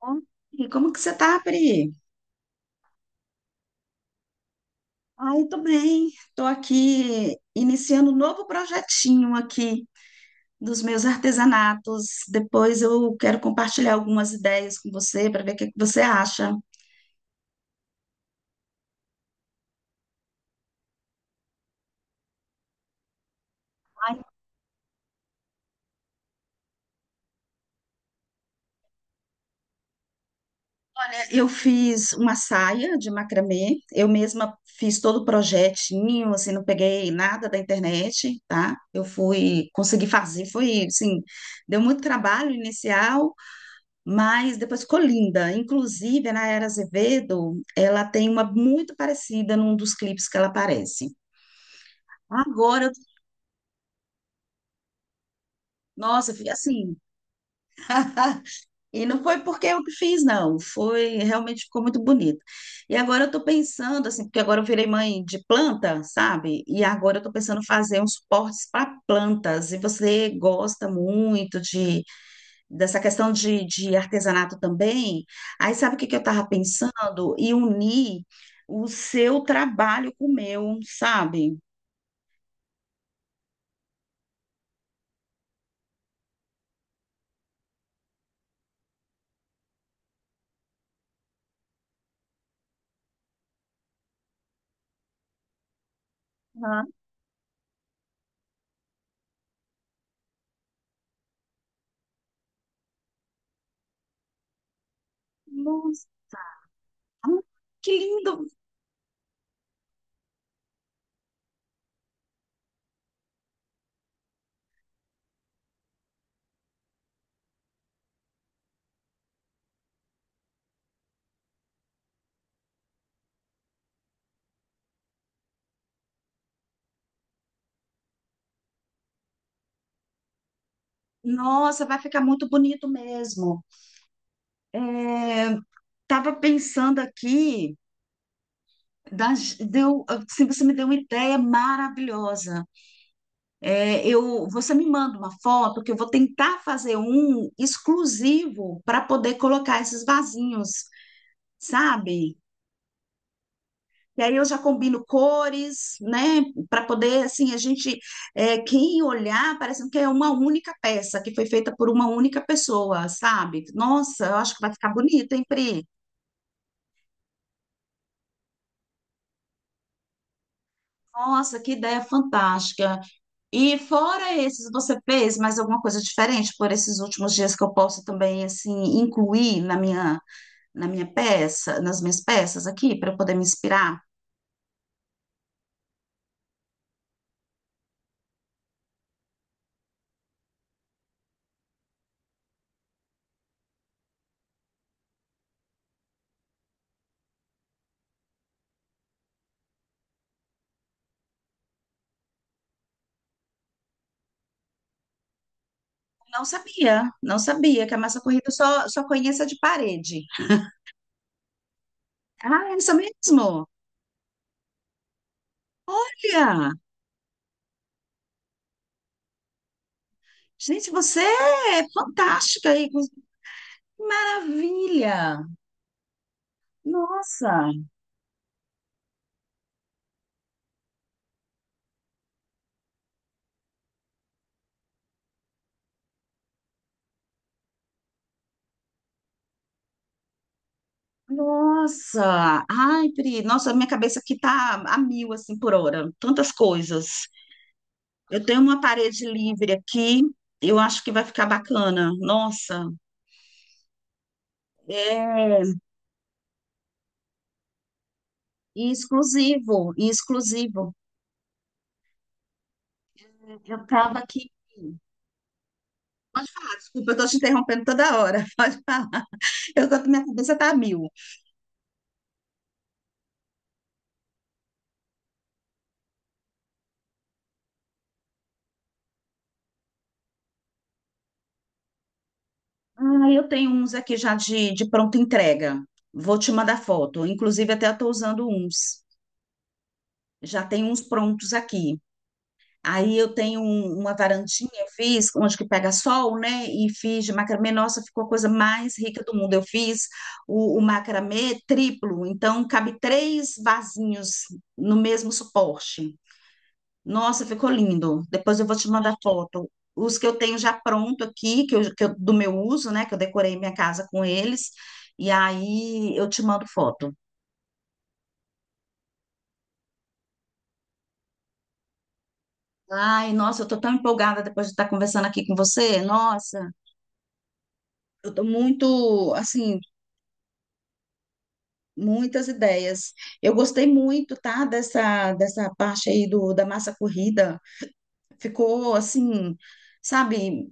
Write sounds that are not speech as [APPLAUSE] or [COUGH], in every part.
Bom, e como que você tá, Pri? Ai, tô bem. Tô aqui iniciando um novo projetinho aqui dos meus artesanatos. Depois eu quero compartilhar algumas ideias com você para ver o que que você acha. É, eu fiz uma saia de macramê. Eu mesma fiz todo o projetinho, assim, não peguei nada da internet, tá? Eu fui, consegui fazer, foi assim, deu muito trabalho inicial, mas depois colinda. Inclusive, a Nayara Azevedo, ela tem uma muito parecida num dos clipes que ela aparece. Agora, eu- Nossa, eu fiquei assim. [LAUGHS] E não foi porque eu que fiz, não. Foi, realmente ficou muito bonito. E agora eu tô pensando, assim, porque agora eu virei mãe de planta, sabe? E agora eu tô pensando em fazer uns suportes para plantas. E você gosta muito de dessa questão de artesanato também, aí sabe o que que eu estava pensando? E unir o seu trabalho com o meu, sabe? Aham. Nossa, ah, que lindo! Nossa, vai ficar muito bonito mesmo. É, tava pensando aqui, você me deu uma ideia maravilhosa. Você me manda uma foto que eu vou tentar fazer um exclusivo para poder colocar esses vasinhos, sabe? E aí eu já combino cores, né, para poder, assim, a gente, quem olhar, parecendo que é uma única peça, que foi feita por uma única pessoa, sabe? Nossa, eu acho que vai ficar bonito, hein, Pri? Nossa, que ideia fantástica. E fora esses, você fez mais alguma coisa diferente por esses últimos dias que eu posso também, assim, incluir na minha peça, nas minhas peças aqui, para eu poder me inspirar? Não sabia, não sabia que a massa corrida eu só, só conheço a de parede. Ah, é isso mesmo? Olha, gente, você é fantástica aí. Maravilha! Nossa, nossa. Ai, Pri, nossa, minha cabeça aqui tá a mil, assim, por hora. Tantas coisas. Eu tenho uma parede livre aqui. Eu acho que vai ficar bacana. Nossa, é e exclusivo, e exclusivo. Eu tava aqui. Desculpa, eu tô te interrompendo toda hora. [LAUGHS] Pode falar. Eu tô, minha cabeça tá a mil. Ah, eu tenho uns aqui já de pronta entrega. Vou te mandar foto. Inclusive, até eu estou usando uns. Já tem uns prontos aqui. Aí eu tenho uma varandinha, eu fiz, onde que pega sol, né? E fiz de macramê. Nossa, ficou a coisa mais rica do mundo. Eu fiz o macramê triplo, então cabe três vasinhos no mesmo suporte. Nossa, ficou lindo. Depois eu vou te mandar foto. Os que eu tenho já pronto aqui, do meu uso, né? Que eu decorei minha casa com eles. E aí eu te mando foto. Ai, nossa, eu tô tão empolgada depois de estar conversando aqui com você. Nossa, eu tô muito, assim, muitas ideias. Eu gostei muito, tá? Dessa parte aí da massa corrida. Ficou, assim, sabe,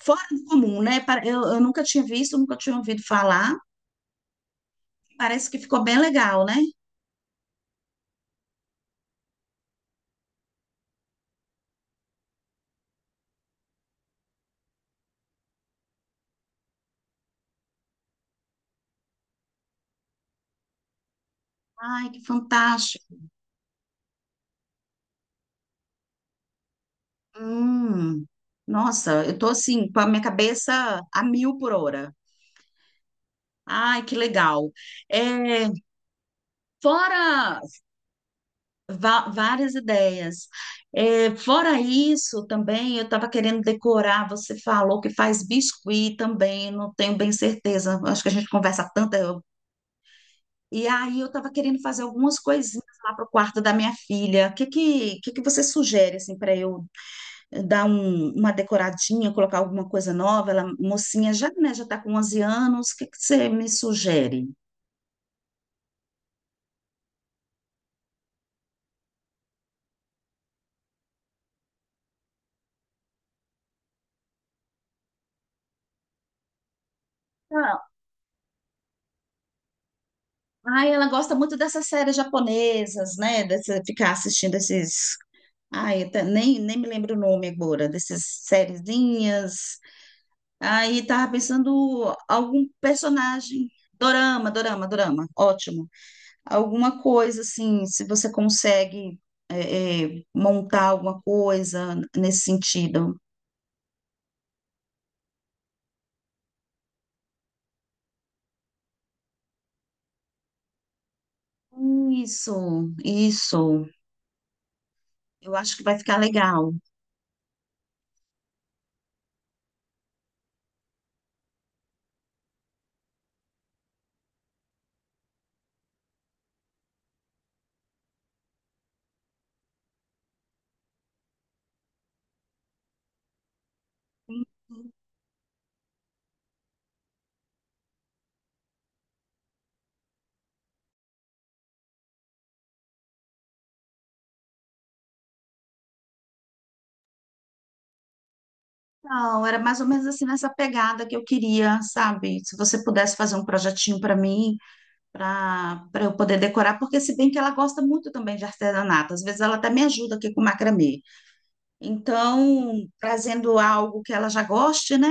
fora do comum, né? Eu nunca tinha visto, nunca tinha ouvido falar. Parece que ficou bem legal, né? Ai, que fantástico. Hum, nossa, eu tô assim, com a minha cabeça a mil por hora. Ai, que legal. É, fora várias ideias. É, fora isso, também eu estava querendo decorar. Você falou que faz biscuit também, não tenho bem certeza. Acho que a gente conversa tanto. E aí eu estava querendo fazer algumas coisinhas lá pro quarto da minha filha. Que que você sugere assim para eu dar uma decoradinha, colocar alguma coisa nova. Ela, mocinha, já, né, já está com 11 anos, o que que você me sugere? Ah, ai, ela gosta muito dessas séries japonesas, né? Dessa, ficar assistindo esses. Ai, eu nem, nem me lembro o nome agora, dessas sériezinhas. Aí tava pensando algum personagem. Dorama, dorama, dorama, ótimo. Alguma coisa assim, se você consegue montar alguma coisa nesse sentido. Isso, isso. Eu acho que vai ficar legal. Então, era mais ou menos assim nessa pegada que eu queria, sabe? Se você pudesse fazer um projetinho para mim, para eu poder decorar, porque se bem que ela gosta muito também de artesanato, às vezes ela até me ajuda aqui com macramê. Então, trazendo algo que ela já goste, né?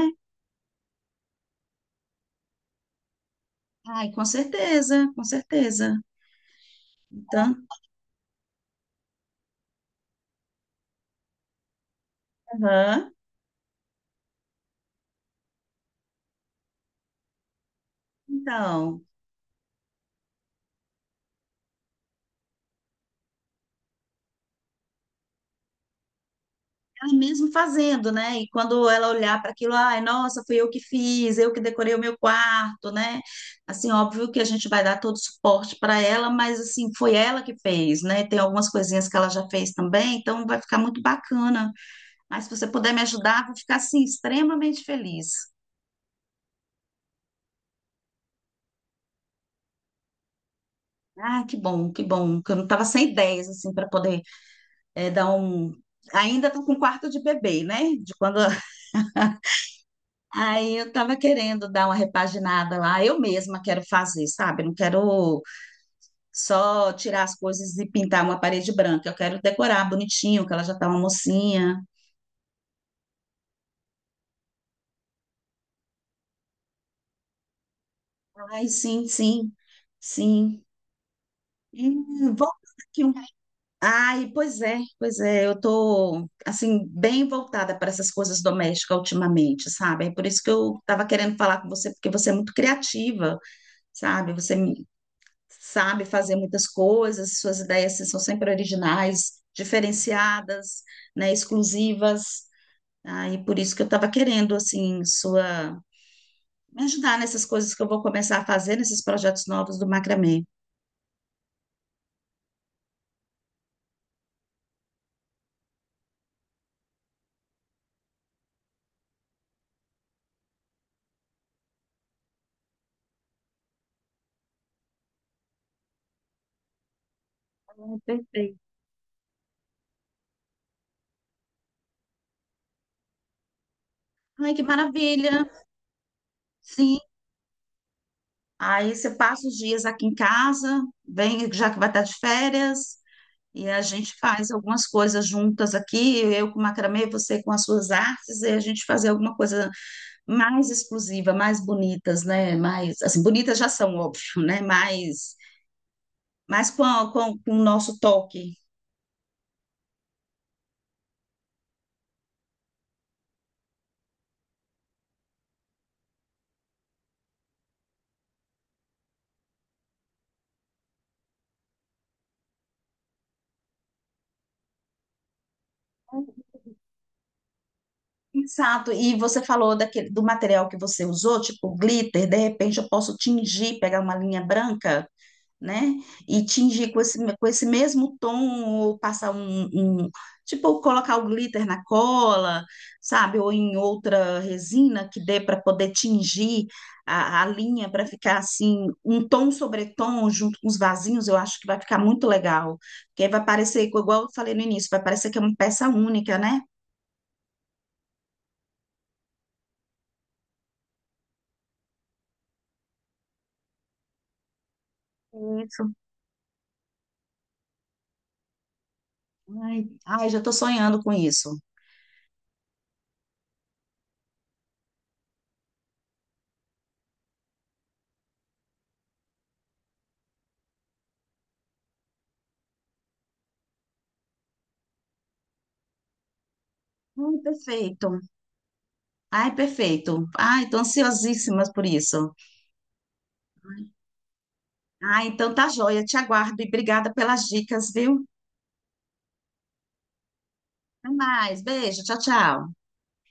Ai, com certeza, com certeza. Então, aham. Então, ela mesmo fazendo, né? E quando ela olhar para aquilo, ai, nossa, fui eu que fiz, eu que decorei o meu quarto, né? Assim, óbvio que a gente vai dar todo o suporte para ela, mas assim, foi ela que fez, né? Tem algumas coisinhas que ela já fez também, então vai ficar muito bacana. Mas se você puder me ajudar, vou ficar assim extremamente feliz. Ah, que bom, que bom, que eu não estava sem ideias assim para poder dar um ainda estou com quarto de bebê, né? De quando aí eu tava querendo dar uma repaginada lá, eu mesma quero fazer, sabe? Não quero só tirar as coisas e pintar uma parede branca, eu quero decorar bonitinho, que ela já tá uma mocinha. Ai, sim, sim, sim. Volta aqui um. Ai, pois é, eu tô, assim, bem voltada para essas coisas domésticas ultimamente, sabe? É por isso que eu tava querendo falar com você, porque você é muito criativa, sabe? Você sabe fazer muitas coisas, suas ideias assim, são sempre originais, diferenciadas, né, exclusivas. Ah, e por isso que eu estava querendo assim sua me ajudar nessas coisas que eu vou começar a fazer nesses projetos novos do macramê. Ah, perfeito. Ai, que maravilha! Sim. Aí você passa os dias aqui em casa, vem já que vai estar de férias, e a gente faz algumas coisas juntas aqui, eu com macramê, você com as suas artes, e a gente fazer alguma coisa mais exclusiva, mais bonitas, né? Mais, assim, bonitas já são, óbvio, né? Mais, mais com, com o nosso toque. Exato, e você falou daquele, do material que você usou, tipo glitter, de repente eu posso tingir, pegar uma linha branca, né? E tingir com esse mesmo tom, ou passar tipo, colocar o glitter na cola, sabe? Ou em outra resina que dê para poder tingir a linha para ficar assim, um tom sobre tom junto com os vasinhos, eu acho que vai ficar muito legal. Porque aí vai parecer, igual eu falei no início, vai parecer que é uma peça única, né? Isso. Ai, ai, já estou sonhando com isso. Ai, perfeito. Ai, perfeito. Ai, estou ansiosíssima por isso. Ah, então tá joia. Te aguardo e obrigada pelas dicas, viu? Até mais. Beijo. Tchau, tchau.